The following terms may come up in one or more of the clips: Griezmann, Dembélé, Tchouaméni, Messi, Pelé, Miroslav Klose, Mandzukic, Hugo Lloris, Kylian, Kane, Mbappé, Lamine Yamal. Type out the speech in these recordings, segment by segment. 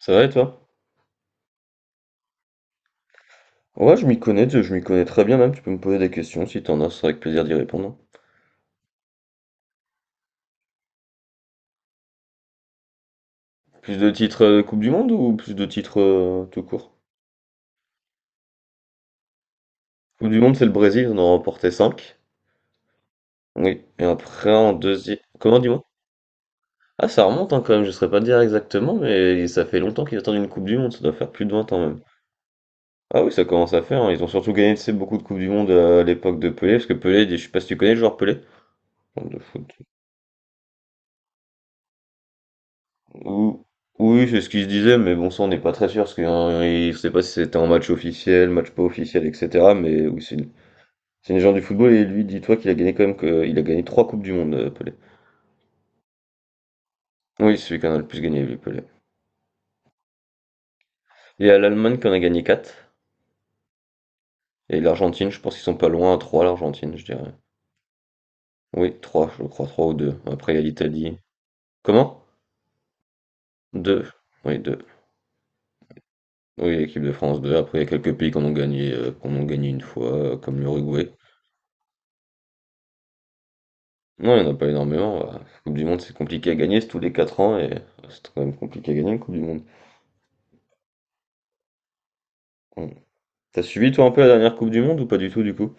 Ça va et toi? Ouais, je m'y connais, je m'y connais très bien même. Tu peux me poser des questions si t'en as, c'est avec plaisir d'y répondre. Plus de titres Coupe du Monde ou plus de titres tout court? Coupe du Monde, c'est le Brésil, on en a remporté 5. Oui, et après en deuxième. Comment dis-moi? Ah, ça remonte hein, quand même, je saurais pas te dire exactement, mais ça fait longtemps qu'ils attendent une Coupe du Monde, ça doit faire plus de 20 ans même. Ah oui, ça commence à faire, hein. Ils ont surtout gagné, tu sais, beaucoup de Coupes du Monde à l'époque de Pelé, parce que Pelé, je sais pas si tu connais le joueur Pelé. Joueur de foot. Ou- Oui, c'est ce qu'il se disait, mais bon, ça on n'est pas très sûr, parce qu'il ne sait pas si c'était un match officiel, match pas officiel, etc. Mais oui, c'est une légende du football, et lui, dis-toi qu'il a gagné quand même, que, il a gagné trois Coupes du Monde, Pelé. Oui, c'est celui qui en a le plus gagné, lui, Pelé. Il y a l'Allemagne qui en a gagné quatre, et l'Argentine, je pense qu'ils sont pas loin à trois, l'Argentine, je dirais. Oui, trois, je crois, trois ou deux. Après, il y a l'Italie. Comment? Deux. Oui, deux. Oui, l'équipe de France, deux. Après, il y a quelques pays qu'on a gagné une fois, comme l'Uruguay. Non, il y en a pas énormément. Bah, La Coupe du Monde, c'est compliqué à gagner, c'est tous les 4 ans et c'est quand même compliqué à gagner une Coupe du Monde. Mm. T'as suivi toi un peu la dernière Coupe du Monde ou pas du tout du coup?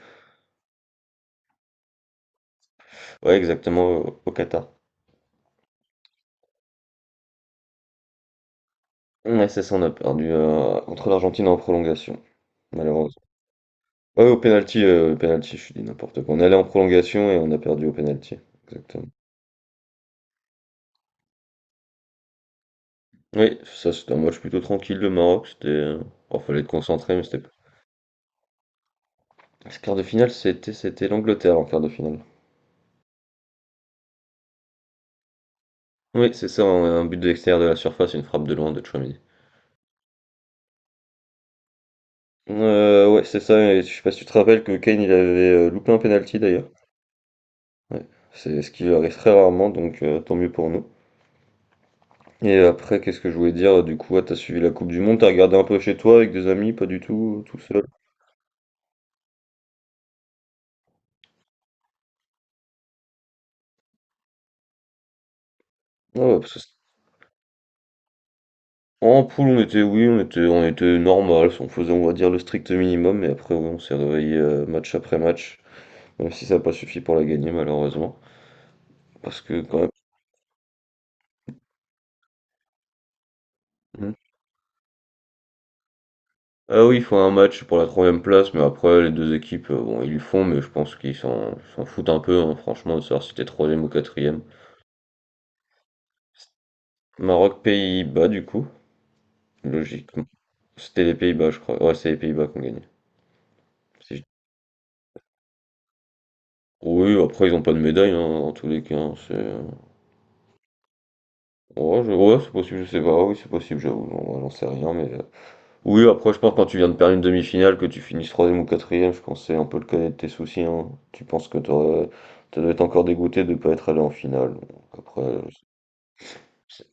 Ouais, exactement au Qatar. Ouais, c'est ça, on a perdu contre l'Argentine en prolongation, malheureusement. Ouais, au penalty, je dis n'importe quoi. On allait en prolongation et on a perdu au penalty. Exactement. Oui, ça c'était un match plutôt tranquille, le Maroc. C'était, bon, fallait être concentré, mais c'était. Ce quart de finale, c'était l'Angleterre en quart de finale. Oui, c'est ça, un but de l'extérieur de la surface, une frappe de loin de Tchouaméni. Ouais, c'est ça. Et je sais pas si tu te rappelles que Kane il avait loupé un penalty d'ailleurs. Ouais. C'est ce qui lui arrive très rarement, donc tant mieux pour nous. Et après, qu'est-ce que je voulais dire? Du coup, ouais, t'as suivi la Coupe du Monde, t'as regardé un peu chez toi avec des amis, pas du tout, tout seul. Ah ouais, parce que en poule, on était normal, on faisait, on va dire, le strict minimum, mais après, ouais, on s'est réveillé match après match, même si ça n'a pas suffi pour la gagner, malheureusement. Parce que, quand même. Ah oui, il faut un match pour la troisième place, mais après les deux équipes, bon, ils le font, mais je pense qu'ils s'en foutent un peu, hein, franchement, de savoir si t'es troisième ou quatrième. Maroc, Pays-Bas, du coup, logiquement. C'était les Pays-Bas, je crois. Ouais, c'est les Pays-Bas qui ont gagné. Si je- Oui, après, ils ont pas de médaille, hein, en tous les cas. Hein, c'est... ouais, c'est possible, je sais pas. Oui, c'est possible, j'avoue. J'en sais rien, mais. Oui, après, je pense que quand tu viens de perdre une demi-finale, que tu finisses troisième ou quatrième, je pensais un peu le cas de tes soucis. Hein. Tu penses que t'aurais- tu dois être encore dégoûté de ne pas être allé en finale. Donc, Après, c'est-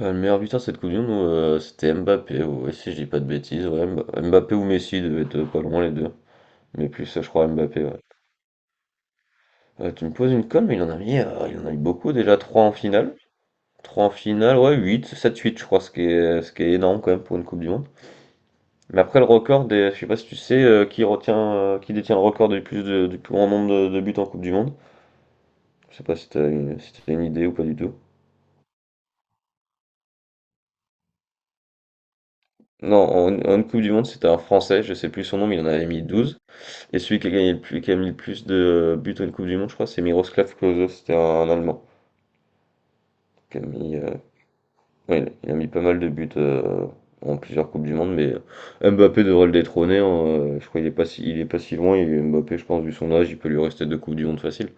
Le meilleur buteur cette Coupe du Monde, c'était Mbappé, ouais, si je dis pas de bêtises. Ouais, Mbappé ou Messi devaient être pas loin les deux. Mais plus, je crois, Mbappé. Ouais. Tu me poses une colle, mais il en a mis, il en a eu beaucoup déjà. Trois en finale. Trois en finale, ouais, huit, sept huit je crois, ce qui est énorme quand même pour une Coupe du Monde. Mais après, le record des, je sais pas si tu sais, qui retient, qui détient le record du plus de, du plus grand nombre de buts en Coupe du Monde. Je sais pas si t'as une, si t'as une idée ou pas du tout. Non, en Coupe du Monde, c'était un Français, je sais plus son nom, mais il en avait mis 12. Et celui qui a gagné le plus, qui a mis le plus de buts en Coupe du Monde, je crois, c'est Miroslav Klose, c'était un Allemand. Qui a mis, ouais, il a mis pas mal de buts en plusieurs Coupes du Monde, mais Mbappé devrait le détrôner. Hein, je crois qu'il est pas si, il est pas si loin, et Mbappé, je pense, vu son âge, il peut lui rester deux Coupes du Monde facile.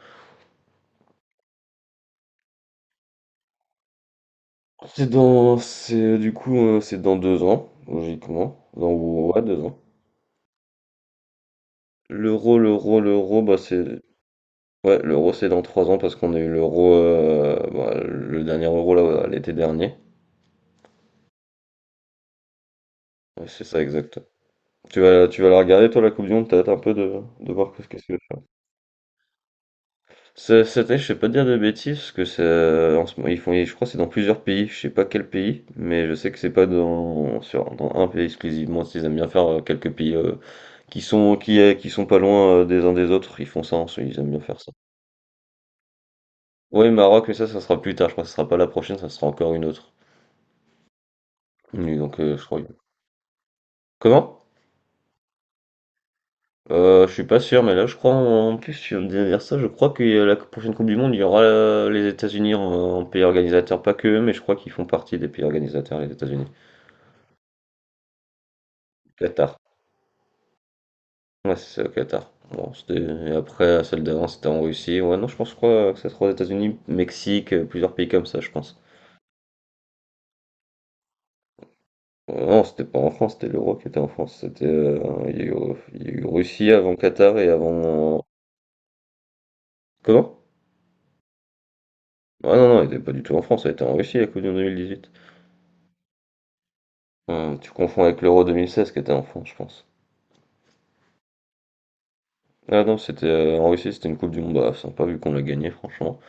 C'est du coup, c'est dans 2 ans, logiquement. Dans, ouais, 2 ans. L'euro, bah c'est, ouais, l'euro c'est dans 3 ans parce qu'on a eu l'euro, bah, le dernier euro là, ouais, l'été dernier. Ouais, C'est ça exact. Tu vas la regarder toi la Coupe du Monde, peut-être un peu de voir qu'est-ce que c'est. Cette année, je sais pas te dire de bêtises, parce que c'est en ce moment, ils font, je crois que c'est dans plusieurs pays, je sais pas quel pays, mais je sais que c'est pas dans un pays exclusivement, ils aiment bien faire quelques pays Qui sont qui, eh, qui sont pas loin, des uns des autres, ils font ça, hein, ils aiment bien faire ça. Oui, Maroc, mais ça sera plus tard, je crois que ça sera pas la prochaine, ça sera encore une autre. Oui, donc je crois comment? Je suis pas sûr, mais là, je crois en en plus, tu viens de dire ça, je crois que la prochaine coupe du monde, il y aura, les États-Unis en pays organisateur, pas qu'eux, mais je crois qu'ils font partie des pays organisateurs, les États-Unis. Qatar. Ouais, c'est ça, au Qatar. Bon, c'était et après, celle d'avant, c'était en Russie. Ouais, non, je pense, je crois que ça sera aux États-Unis, Mexique, plusieurs pays comme ça, je pense. Non, c'était pas en France, c'était l'Euro qui était en France. C'était, il y a eu, il y a eu Russie avant Qatar et avant. Comment? Ah non, non, il était pas du tout en France, elle était en Russie la Coupe du Monde 2018. Tu confonds avec l'Euro 2016 qui était en France, je pense. Ah non, c'était en Russie, c'était une Coupe du Monde. Bah, sympa vu qu'on l'a gagné, franchement.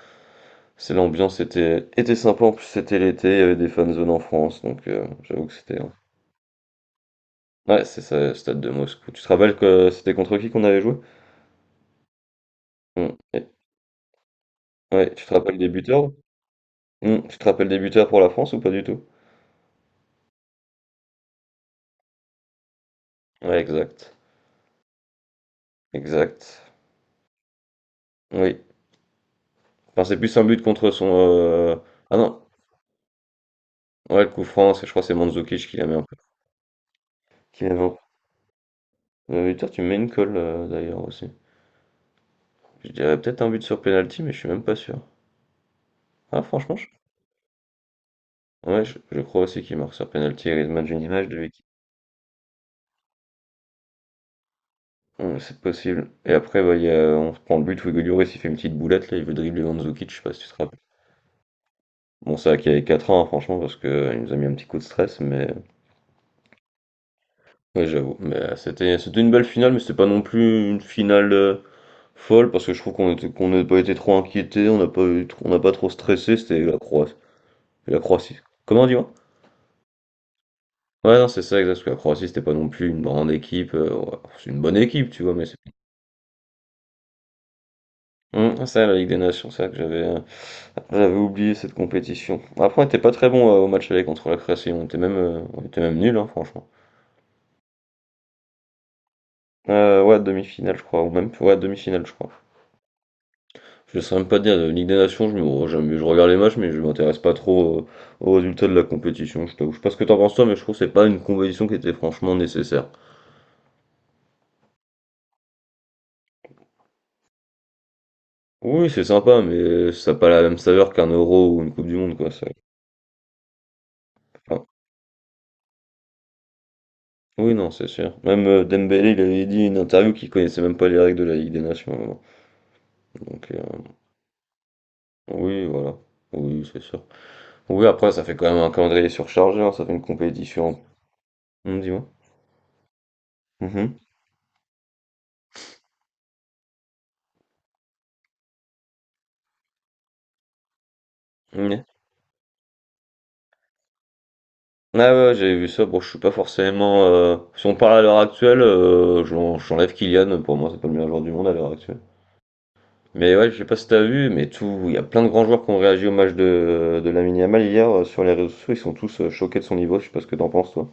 C'est l'ambiance était, était sympa, en plus c'était l'été, il y avait des fan zones en France, donc j'avoue que c'était. Hein. Ouais, c'est ça, le stade de Moscou. Tu te rappelles que c'était contre qui qu'on avait joué? Hum, et- Ouais, tu te rappelles des buteurs? Tu te rappelles des buteurs pour la France ou pas du tout? Ouais, exact. Exact. Oui. Enfin, c'est plus un but contre son. Ah non. Ouais, le coup franc, c'est- je crois que c'est Mandzukic qui la met un peu. Qui la met en- putain, tu mets une colle d'ailleurs aussi. Je dirais peut-être un but sur penalty, mais je suis même pas sûr. Ah, franchement, je... ouais, je crois aussi qu'il marque sur penalty. Griezmann, j'ai une image de l'équipe. C'est possible. Et après, on prend le but où Hugo Lloris, il fait une petite boulette, là, il veut dribbler Mandzukic, je sais pas si tu te rappelles. Bon, c'est vrai qu'il avait 4 ans, hein, franchement, parce que il nous a mis un petit coup de stress, mais Ouais, j'avoue. Mais c'était une belle finale, mais c'était pas non plus une finale folle parce que je trouve qu'on était qu'on n'a pas été trop inquiété, on n'a pas trop stressé. C'était la Croatie. La Croatie. Comment dis-moi? Ouais, non, c'est ça, exact. Parce que la Croatie, c'était pas non plus une grande équipe. Ouais, c'est une bonne équipe, tu vois, mais c'est ça, la Ligue des Nations, c'est ça que j'avais j'avais oublié cette compétition. Après, on était pas très bon au match aller contre la Croatie. On était même nul, franchement. Ouais, demi-finale, je crois, ou même ouais, demi-finale, je crois. Je sais même pas dire, de Ligue des Nations, je regarde les matchs, mais je m'intéresse pas trop aux résultats de la compétition, je t'avoue. Je sais pas ce que t'en penses toi, mais je trouve que c'est pas une compétition qui était franchement nécessaire. Oui, c'est sympa, mais ça n'a pas la même saveur qu'un Euro ou une Coupe du Monde, quoi. Ça. Enfin, oui, non, c'est sûr. Même Dembélé, il avait dit une interview qu'il connaissait même pas les règles de la Ligue des Nations. À un moment. Donc, oui, voilà. Oui, c'est sûr. Oui, après, ça fait quand même un calendrier surchargé, hein, ça fait une compétition. Dis-moi. Mhm. Ah ouais, j'ai vu ça. Bon, je suis pas forcément. Si on parle à l'heure actuelle, j'enlève Kylian. Pour moi, c'est pas le meilleur joueur du monde à l'heure actuelle. Mais ouais, je sais pas si t'as vu, mais tout, il y a plein de grands joueurs qui ont réagi au match de Lamine Yamal hier sur les réseaux sociaux. Ils sont tous choqués de son niveau. Je sais pas ce que t'en penses, toi.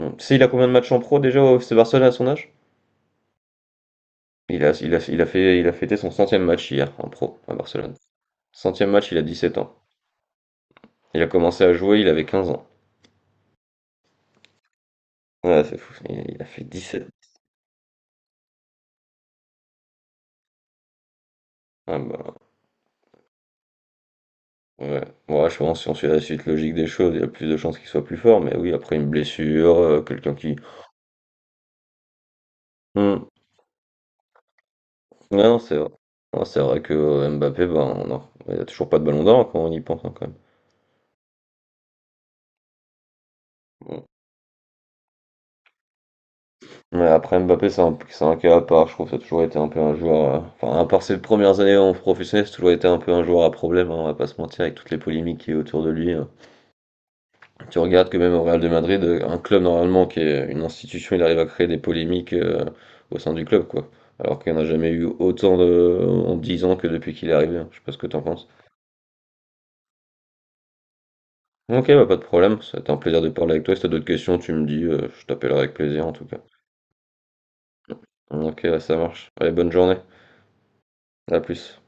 Hum. Tu sais, il a combien de matchs en pro déjà au FC Barcelone à son âge? Il a fait, il a fêté son centième match hier en pro à Barcelone. Centième match, il a 17 ans. Il a commencé à jouer, il avait 15 ans. Ouais, c'est fou. Il a fait dix sept Ah bah, Ouais, ouais, je pense que si on suit la suite logique des choses, il y a plus de chances qu'il soit plus fort, mais oui, après une blessure, quelqu'un qui. Hmm. Ouais, Non, c'est vrai. Ouais, c'est vrai que Mbappé, ben, non, il n'y a toujours pas de ballon d'or hein, quand on y pense hein, quand même. Bon. Mais après Mbappé, c'est c'est un cas à part, je trouve que ça a toujours été un peu un joueur. Enfin, à part ses premières années en professionnel, c'est toujours été un peu un joueur à problème, hein, on va pas se mentir, avec toutes les polémiques qui est autour de lui. Hein. Tu regardes que même au Real de Madrid, un club normalement qui est une institution, il arrive à créer des polémiques au sein du club, quoi. Alors qu'il n'y en a jamais eu autant de... en 10 ans que depuis qu'il est arrivé. Hein. Je sais pas ce que t'en penses. Ok, bah pas de problème, ça a été un plaisir de parler avec toi. Si t'as d'autres questions, tu me dis, je t'appellerai avec plaisir en tout cas. Ok, ça marche. Allez, bonne journée, à plus.